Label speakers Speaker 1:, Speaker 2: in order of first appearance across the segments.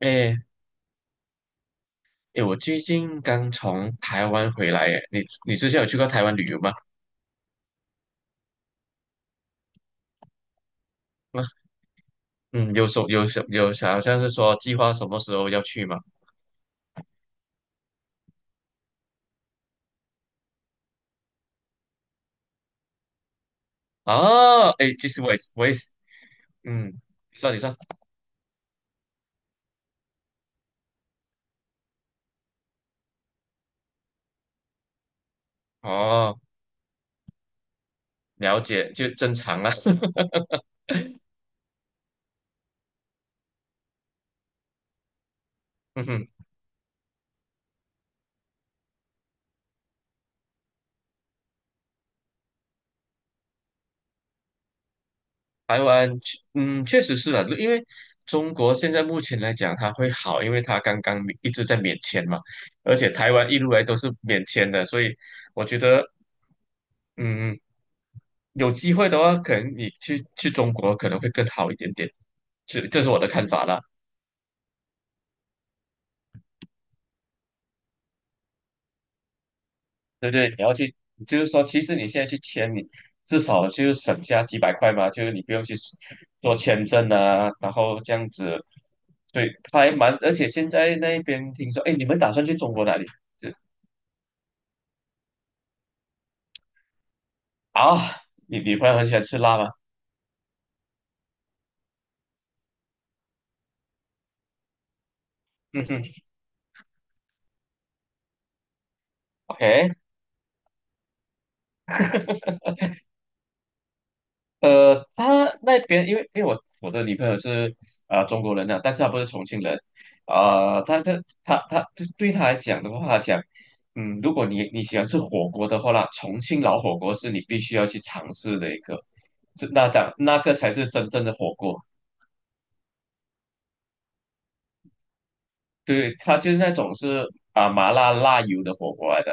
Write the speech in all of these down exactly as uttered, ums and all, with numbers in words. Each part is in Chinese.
Speaker 1: 哎哎，我最近刚从台湾回来，哎，你你之前有去过台湾旅游吗？啊嗯，有什有什有想好像是说计划什么时候要去吗？哦，哎，其实我也是我也是，嗯，你说你说，哦，了解，就正常啦。嗯哼。台湾确嗯，确实是啊，因为中国现在目前来讲，它会好，因为它刚刚免一直在免签嘛，而且台湾一路来都是免签的，所以我觉得，嗯，有机会的话，可能你去去中国可能会更好一点点。这这是我的看法啦，对不对？你要去，就是说，其实你现在去签，你至少就是省下几百块嘛，就是你不用去做签证啊，然后这样子。对，还蛮，而且现在那边听说，哎，你们打算去中国哪里？这啊，你女朋友很喜欢吃辣吗？嗯哼，OK。呃，他那边因为因为我我的女朋友是啊、呃中国人呐，但是她不是重庆人啊、他这他他对对她来讲的话，她讲，嗯，如果你你喜欢吃火锅的话啦，重庆老火锅是你必须要去尝试的一个，这那当那个才是真正的火锅。对，他就是那种是啊、麻辣辣油的火锅来的。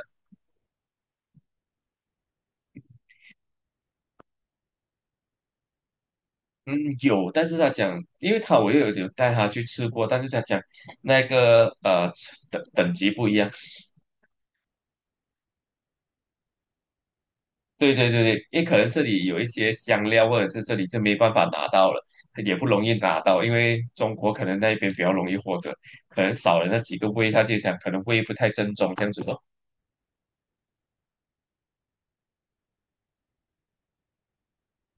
Speaker 1: 嗯，有，但是他讲，因为他我又有有带他去吃过，但是他讲那个呃等等级不一样。对对对对，因为可能这里有一些香料，或者是这里就没办法拿到了，也不容易拿到，因为中国可能那边比较容易获得，可能少了那几个味，他就想可能味不太正宗这样子咯。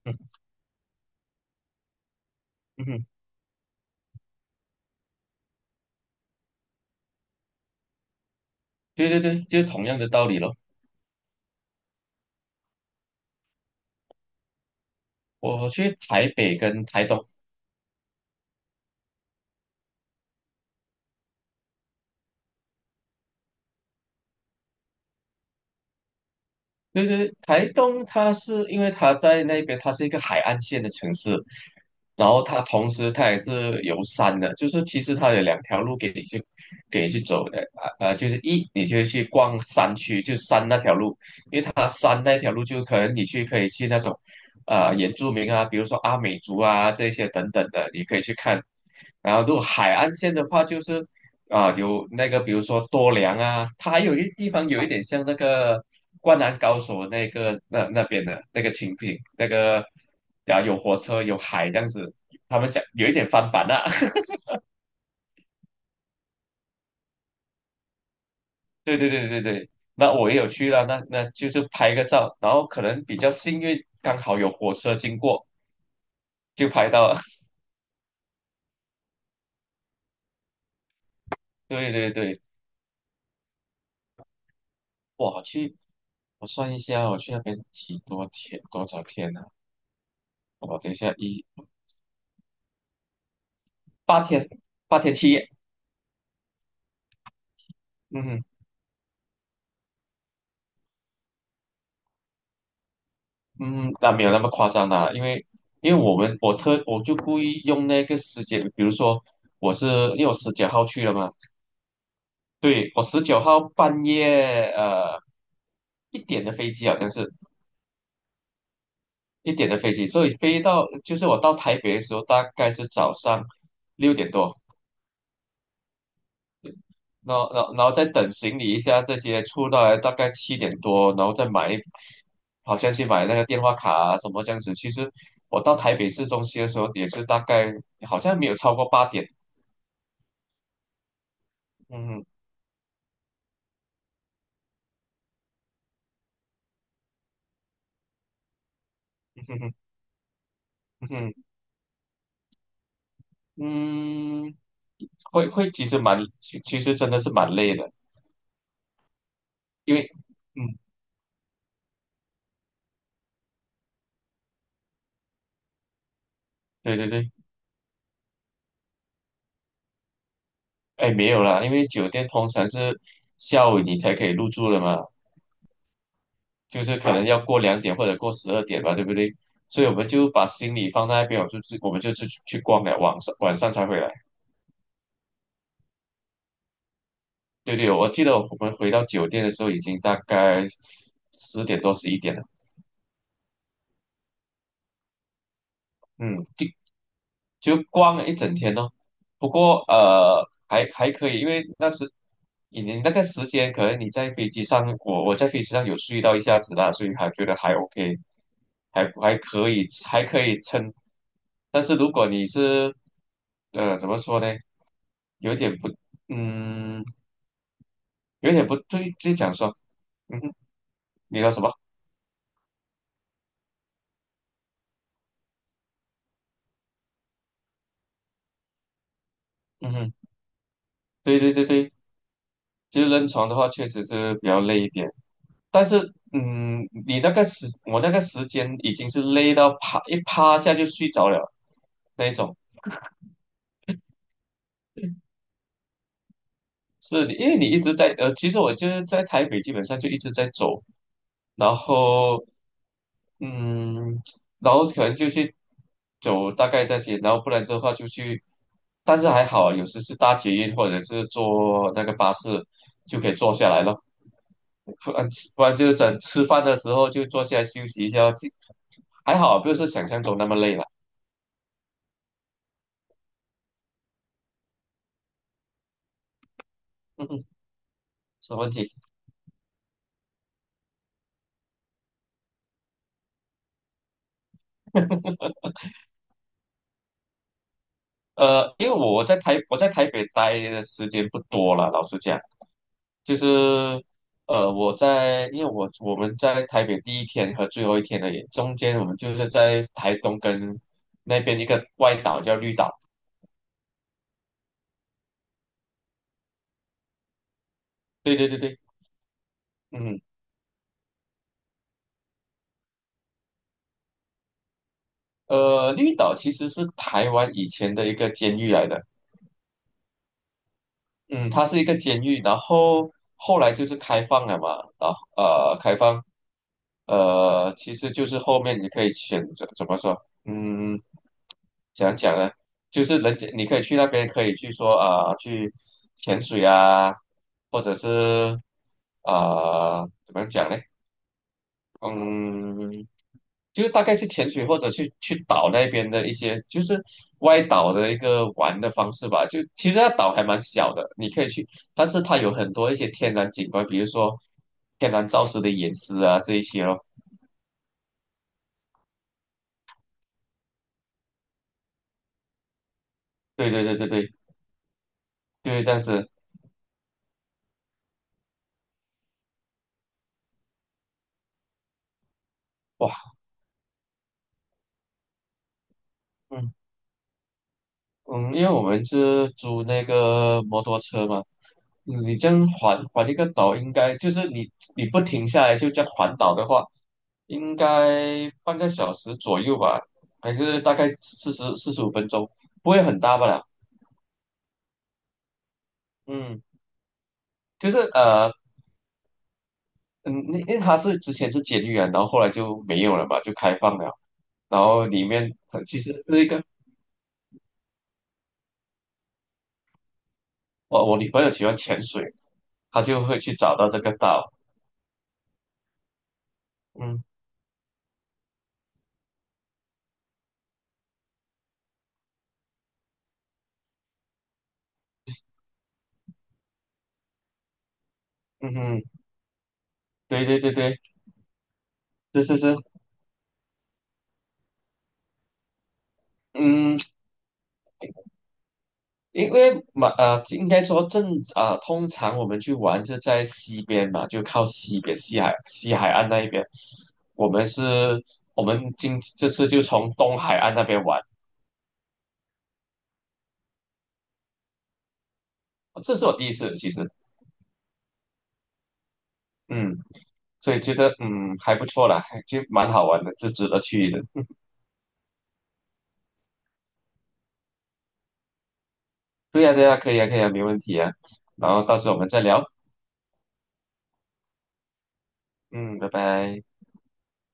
Speaker 1: 嗯嗯，嗯嗯，对对对，就是同样的道理咯。我去台北跟台东。对对，台东它是因为它在那边，它是一个海岸线的城市，然后它同时它也是有山的，就是其实它有两条路给你去给你去走的。啊啊，就是一你就去逛山区，就山那条路，因为它山那条路就可能你去可以去那种啊、原住民啊，比如说阿美族啊这些等等的，你可以去看。然后如果海岸线的话，就是啊，有那个，比如说多良啊，它还有一地方有一点像那个《灌篮高手》那个那那边的那个情景，那个啊有火车有海这样子，他们讲有一点翻版啊。对对对对对，那我也有去了，那那就是拍个照，然后可能比较幸运，刚好有火车经过就拍到了。对对对。哇，去我算一下，我去那边几多天多少天呢，啊？我等一下一八天八天七夜。嗯哼。嗯，那没有那么夸张啦，因为因为我们我特我就故意用那个时间，比如说我是因为我十九号去了嘛。对，我十九号半夜呃一点的飞机，好像是一点的飞机，所以飞到就是我到台北的时候大概是早上六点多，然后然后然后再等行李一下这些出来，大概七点多，然后再买一好像去买那个电话卡啊什么这样子。其实我到台北市中心的时候也是大概好像没有超过八点。嗯哼，嗯哼，嗯哼，嗯，会会，其实蛮其其实真的是蛮累的，因为嗯，对对对。哎没有啦，因为酒店通常是下午你才可以入住的嘛。就是可能要过两点或者过十二点吧，对不对？所以我们就把行李放在那边，我就去我们就去去逛了，晚上晚上才回来。对对，我记得我们回到酒店的时候已经大概十点多十一点了。嗯，就逛了一整天哦。不过呃，还还可以，因为那时你你那个时间，可能你在飞机上，我我在飞机上有睡到一下子啦，所以还觉得还 OK，还还可以，还可以撑。但是如果你是呃怎么说呢，有点不嗯，有点不对，就讲说嗯哼，你说什么？嗯哼，对对对对，就是扔床的话，确实是比较累一点。但是，嗯，你那个时，我那个时间已经是累到趴一趴下就睡着了那一种。是你因为你一直在，呃，其实我就是在台北，基本上就一直在走，然后，嗯，然后可能就去走大概这些，然后不然的话就去，但是还好，有时是搭捷运或者是坐那个巴士就可以坐下来了，不然不然就是整吃饭的时候就坐下来休息一下，就还好，不是想象中那么累了。什么问题？呃，因为我在台我在台北待的时间不多了，老实讲。就是呃，我在因为我我们在台北第一天和最后一天的也中间，我们就是在台东跟那边一个外岛叫绿岛。对对对对，嗯，呃，绿岛其实是台湾以前的一个监狱来的。嗯，它是一个监狱，然后后来就是开放了嘛，然后呃，开放，呃，其实就是后面你可以选择怎么说，嗯，怎样讲呢？就是人家你可以去那边，可以去说啊、去潜水啊，或者是啊、怎么样讲呢？嗯，就是大概去潜水或者去去岛那边的一些，就是外岛的一个玩的方式吧。就其实那岛还蛮小的，你可以去，但是它有很多一些天然景观，比如说天然造石的岩石啊这一些咯。对对对对对，就是这样子。哇，嗯。嗯，因为我们是租那个摩托车嘛，你这样环环一个岛，应该就是你你不停下来就这样环岛的话，应该半个小时左右吧，还是大概四十四十五分钟，不会很大吧啦？嗯，就是呃，嗯，因因为它是之前是监狱啊，然后后来就没有了嘛，就开放了，然后里面呃其实是一个我我女朋友喜欢潜水，她就会去找到这个岛。嗯嗯嗯，对对对对，是是是。嗯，因为嘛，呃，应该说正啊、呃通常我们去玩是在西边嘛，就靠西边西海西海岸那一边。我们是，我们今这次就从东海岸那边玩。这是我第一次，其实，嗯，所以觉得嗯还不错啦，还就蛮好玩的，就值得去的。对呀、对呀、可以啊，可以啊，没问题啊。然后到时候我们再聊，嗯，拜拜。